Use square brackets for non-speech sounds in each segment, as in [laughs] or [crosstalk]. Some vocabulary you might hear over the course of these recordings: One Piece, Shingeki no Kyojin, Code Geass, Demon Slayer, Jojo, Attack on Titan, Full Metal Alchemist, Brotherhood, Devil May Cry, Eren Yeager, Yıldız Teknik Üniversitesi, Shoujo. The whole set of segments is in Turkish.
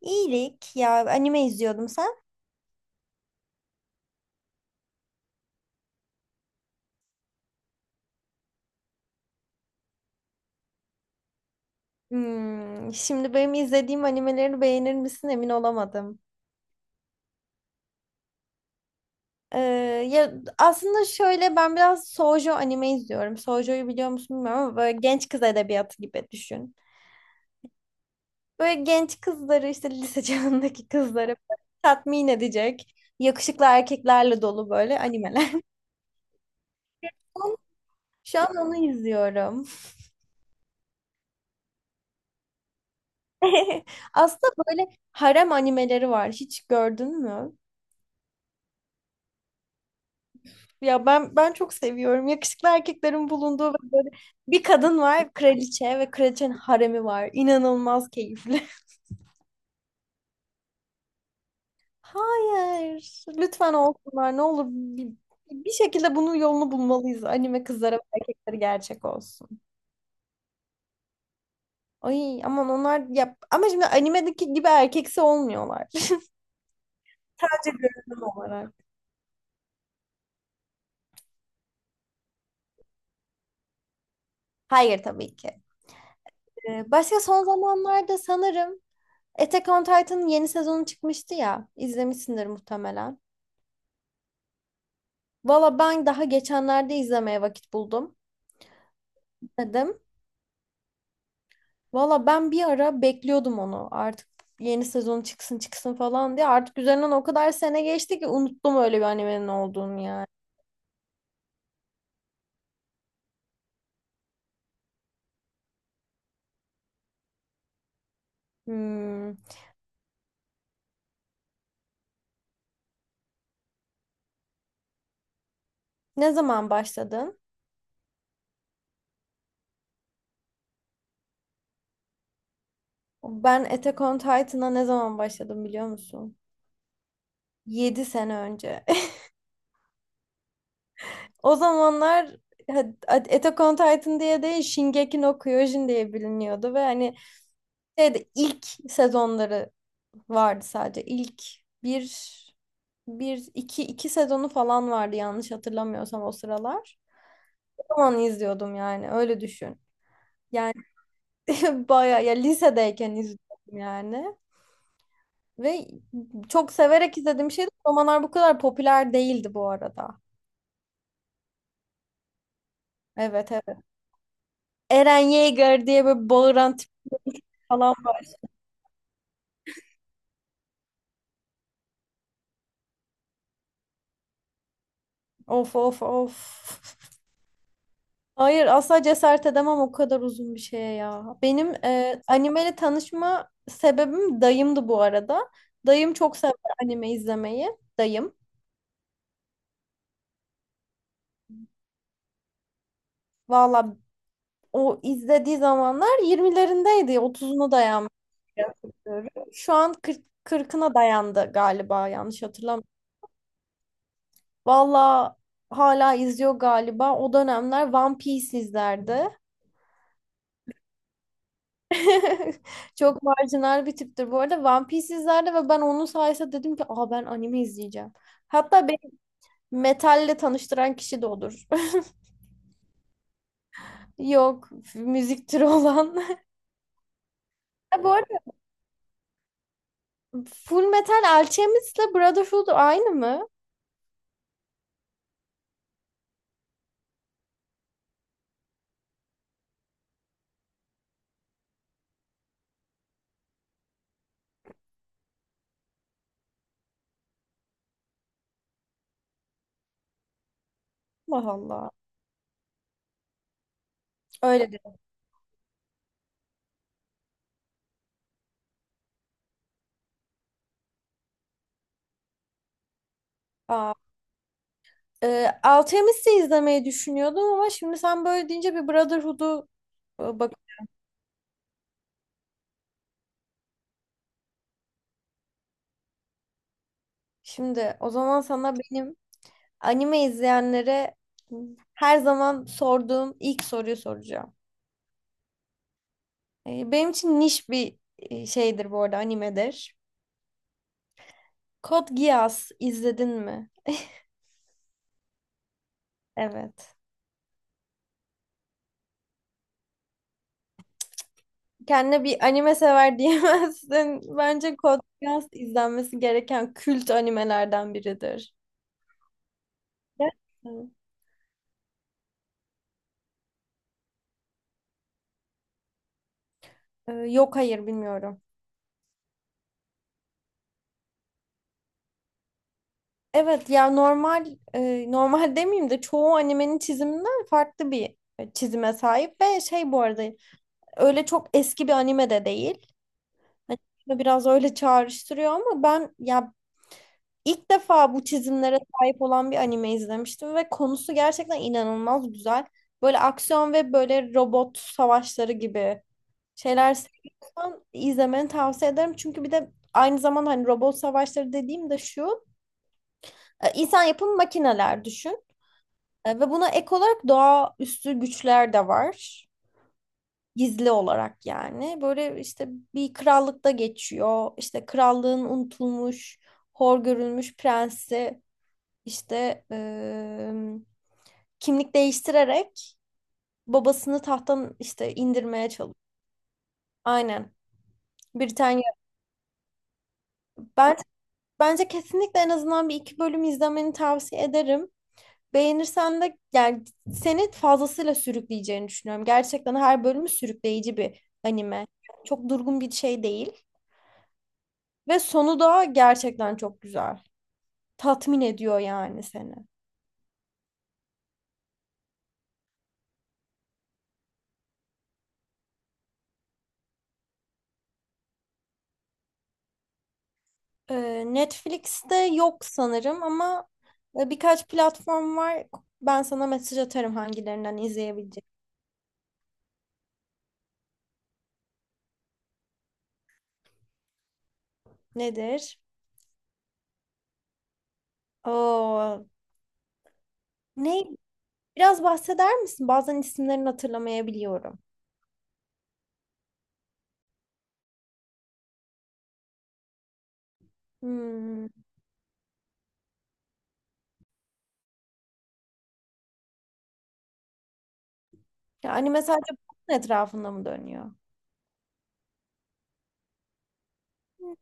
İyilik ya, anime izliyordum. Sen? Hmm, şimdi benim izlediğim animeleri beğenir misin emin olamadım. Ee, ya aslında şöyle ben biraz Shoujo anime izliyorum. Shoujo'yu biliyor musun bilmiyorum ama böyle genç kız edebiyatı gibi düşün. Böyle genç kızları işte lise [laughs] çağındaki kızları böyle tatmin edecek yakışıklı erkeklerle dolu böyle animeler. [laughs] Şu an onu izliyorum. [laughs] Aslında böyle harem animeleri var. Hiç gördün mü? Ya ben çok seviyorum. Yakışıklı erkeklerin bulunduğu ve böyle bir kadın var, kraliçe ve kraliçenin haremi var. İnanılmaz keyifli. [laughs] Hayır. Lütfen olsunlar. Ne olur bir şekilde bunun yolunu bulmalıyız. Anime kızlara ve erkekleri gerçek olsun. Ay aman onlar ya ama şimdi animedeki gibi erkeksi olmuyorlar. [laughs] Sadece görünüm olarak. Hayır tabii ki. Başka son zamanlarda sanırım Attack on Titan'ın yeni sezonu çıkmıştı ya. İzlemişsindir muhtemelen. Valla ben daha geçenlerde izlemeye vakit buldum dedim. Valla ben bir ara bekliyordum onu artık yeni sezon çıksın çıksın falan diye. Artık üzerinden o kadar sene geçti ki unuttum öyle bir animenin olduğunu yani. Hmm. Ne zaman başladın? Ben Attack on Titan'a ne zaman başladım biliyor musun? 7 sene önce. [laughs] O zamanlar Attack on Titan diye değil Shingeki no Kyojin diye biliniyordu ve hani şeyde ilk sezonları vardı sadece. İlk bir, bir, iki sezonu falan vardı yanlış hatırlamıyorsam o sıralar. O zaman izliyordum yani öyle düşün. Yani [laughs] bayağı ya lisedeyken izliyordum yani. Ve çok severek izlediğim şeydi. Romanlar bu kadar popüler değildi bu arada. Evet, evet. Eren Yeager diye böyle bağıran tip falan var. Of of of. Hayır asla cesaret edemem o kadar uzun bir şeye ya. Benim animeyle tanışma sebebim dayımdı bu arada. Dayım çok sever anime izlemeyi. Dayım. Valla o izlediği zamanlar 20'lerindeydi. 30'una dayanmış. Şu an 40, 40'ına dayandı galiba yanlış hatırlamıyorum. Valla hala izliyor galiba. O dönemler One Piece izlerdi. [laughs] Çok marjinal bir tiptir. Bu arada One Piece izlerdi ve ben onun sayesinde dedim ki aa ben anime izleyeceğim. Hatta beni metalle tanıştıran kişi de odur. [laughs] Yok, müzik türü olan. [laughs] Ha, bu arada Full Metal Alchemist'le Brotherhood aynı mı? Allah Allah. Öyle. Aa, Alchemist'i izlemeyi düşünüyordum ama şimdi sen böyle deyince bir Brotherhood'u bak. Şimdi o zaman sana benim anime izleyenlere her zaman sorduğum ilk soruyu soracağım. Benim için niş bir şeydir bu arada animedir. Code Geass izledin mi? Evet. Kendine bir anime sever diyemezsin. [laughs] Bence Code Geass izlenmesi gereken kült animelerden biridir. Gerçekten. Yok hayır bilmiyorum. Evet ya normal normal demeyeyim de çoğu animenin çiziminden farklı bir çizime sahip ve şey bu arada öyle çok eski bir anime de değil. Hani aslında biraz öyle çağrıştırıyor ama ben ya. İlk defa bu çizimlere sahip olan bir anime izlemiştim ve konusu gerçekten inanılmaz güzel. Böyle aksiyon ve böyle robot savaşları gibi şeyler seviyorsan izlemeni tavsiye ederim. Çünkü bir de aynı zamanda hani robot savaşları dediğim de şu, insan yapımı makineler düşün. Ve buna ek olarak doğaüstü güçler de var. Gizli olarak yani. Böyle işte bir krallıkta geçiyor. İşte krallığın unutulmuş, hor görülmüş prensi İşte kimlik değiştirerek babasını tahttan işte indirmeye çalışıyor. Aynen. Britanya. Ben bence kesinlikle en azından bir iki bölüm izlemeni tavsiye ederim. Beğenirsen de yani seni fazlasıyla sürükleyeceğini düşünüyorum. Gerçekten her bölümü sürükleyici bir anime. Çok durgun bir şey değil. Ve sonu da gerçekten çok güzel. Tatmin ediyor yani seni. Netflix'te yok sanırım ama birkaç platform var. Ben sana mesaj atarım hangilerinden izleyebilecek. Nedir? Oo, ne? Biraz bahseder misin? Bazen isimlerini hatırlamayabiliyorum. Hmm. Yani mesela bunun etrafında mı dönüyor? Hı.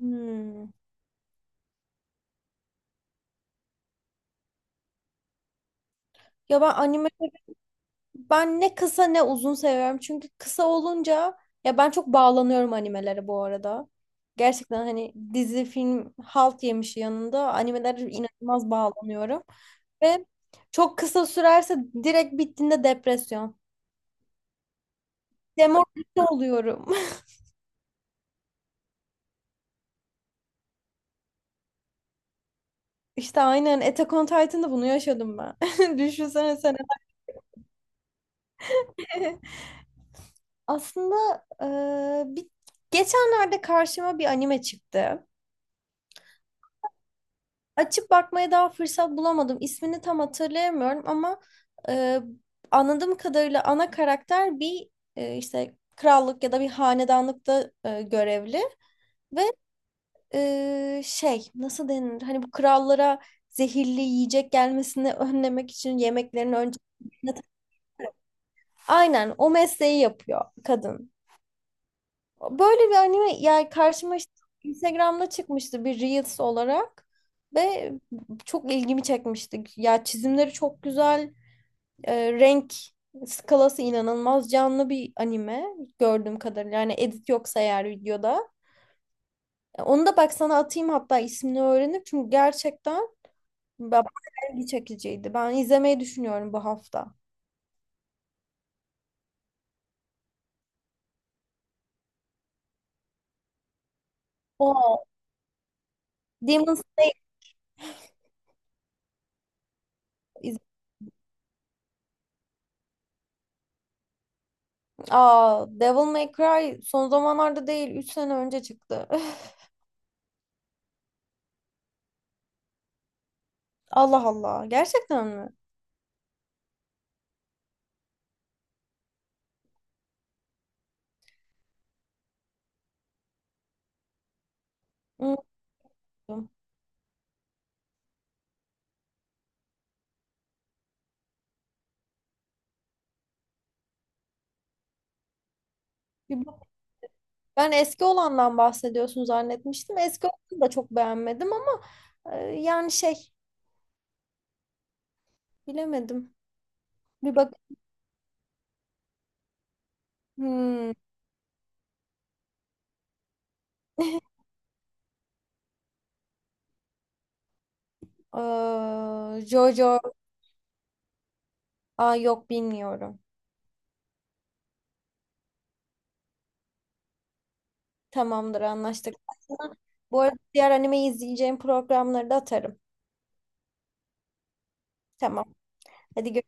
Hmm. Ya ben ne kısa ne uzun seviyorum. Çünkü kısa olunca ya ben çok bağlanıyorum animelere bu arada. Gerçekten hani dizi, film halt yemiş yanında animelere inanılmaz bağlanıyorum. Ve çok kısa sürerse direkt bittiğinde depresyon. Demoralize oluyorum. [laughs] İşte aynen Attack on Titan'da bunu yaşadım ben. [laughs] Düşünsene sen. [laughs] Aslında e, bir, geçenlerde karşıma bir anime çıktı. Açıp bakmaya daha fırsat bulamadım. İsmini tam hatırlayamıyorum ama e, anladığım kadarıyla ana karakter bir işte krallık ya da bir hanedanlıkta görevli ve şey nasıl denir? Hani bu krallara zehirli yiyecek gelmesini [laughs] önlemek için yemeklerin önce. Aynen, o mesleği yapıyor kadın. Böyle bir anime yani karşıma işte Instagram'da çıkmıştı bir Reels olarak ve çok ilgimi çekmişti. Ya çizimleri çok güzel, renk skalası inanılmaz canlı bir anime gördüğüm kadarıyla. Yani edit yoksa eğer videoda. Onu da bak sana atayım hatta ismini öğrenip çünkü gerçekten bayağı ilgi çekiciydi. Ben izlemeyi düşünüyorum bu hafta. O. Demon Slayer. Aa, Devil May Cry son zamanlarda değil, 3 sene önce çıktı. [laughs] Öf, Allah Allah, gerçekten mi? Unuttum. Bir bak- Ben eski olandan bahsediyorsun zannetmiştim. Eski olanı da çok beğenmedim ama yani şey bilemedim. Bir bak. Hmm. [laughs] Jojo. Aa, yok bilmiyorum. Tamamdır, anlaştık. Sana. Bu arada diğer animeyi izleyeceğim programları da atarım. Tamam. Hadi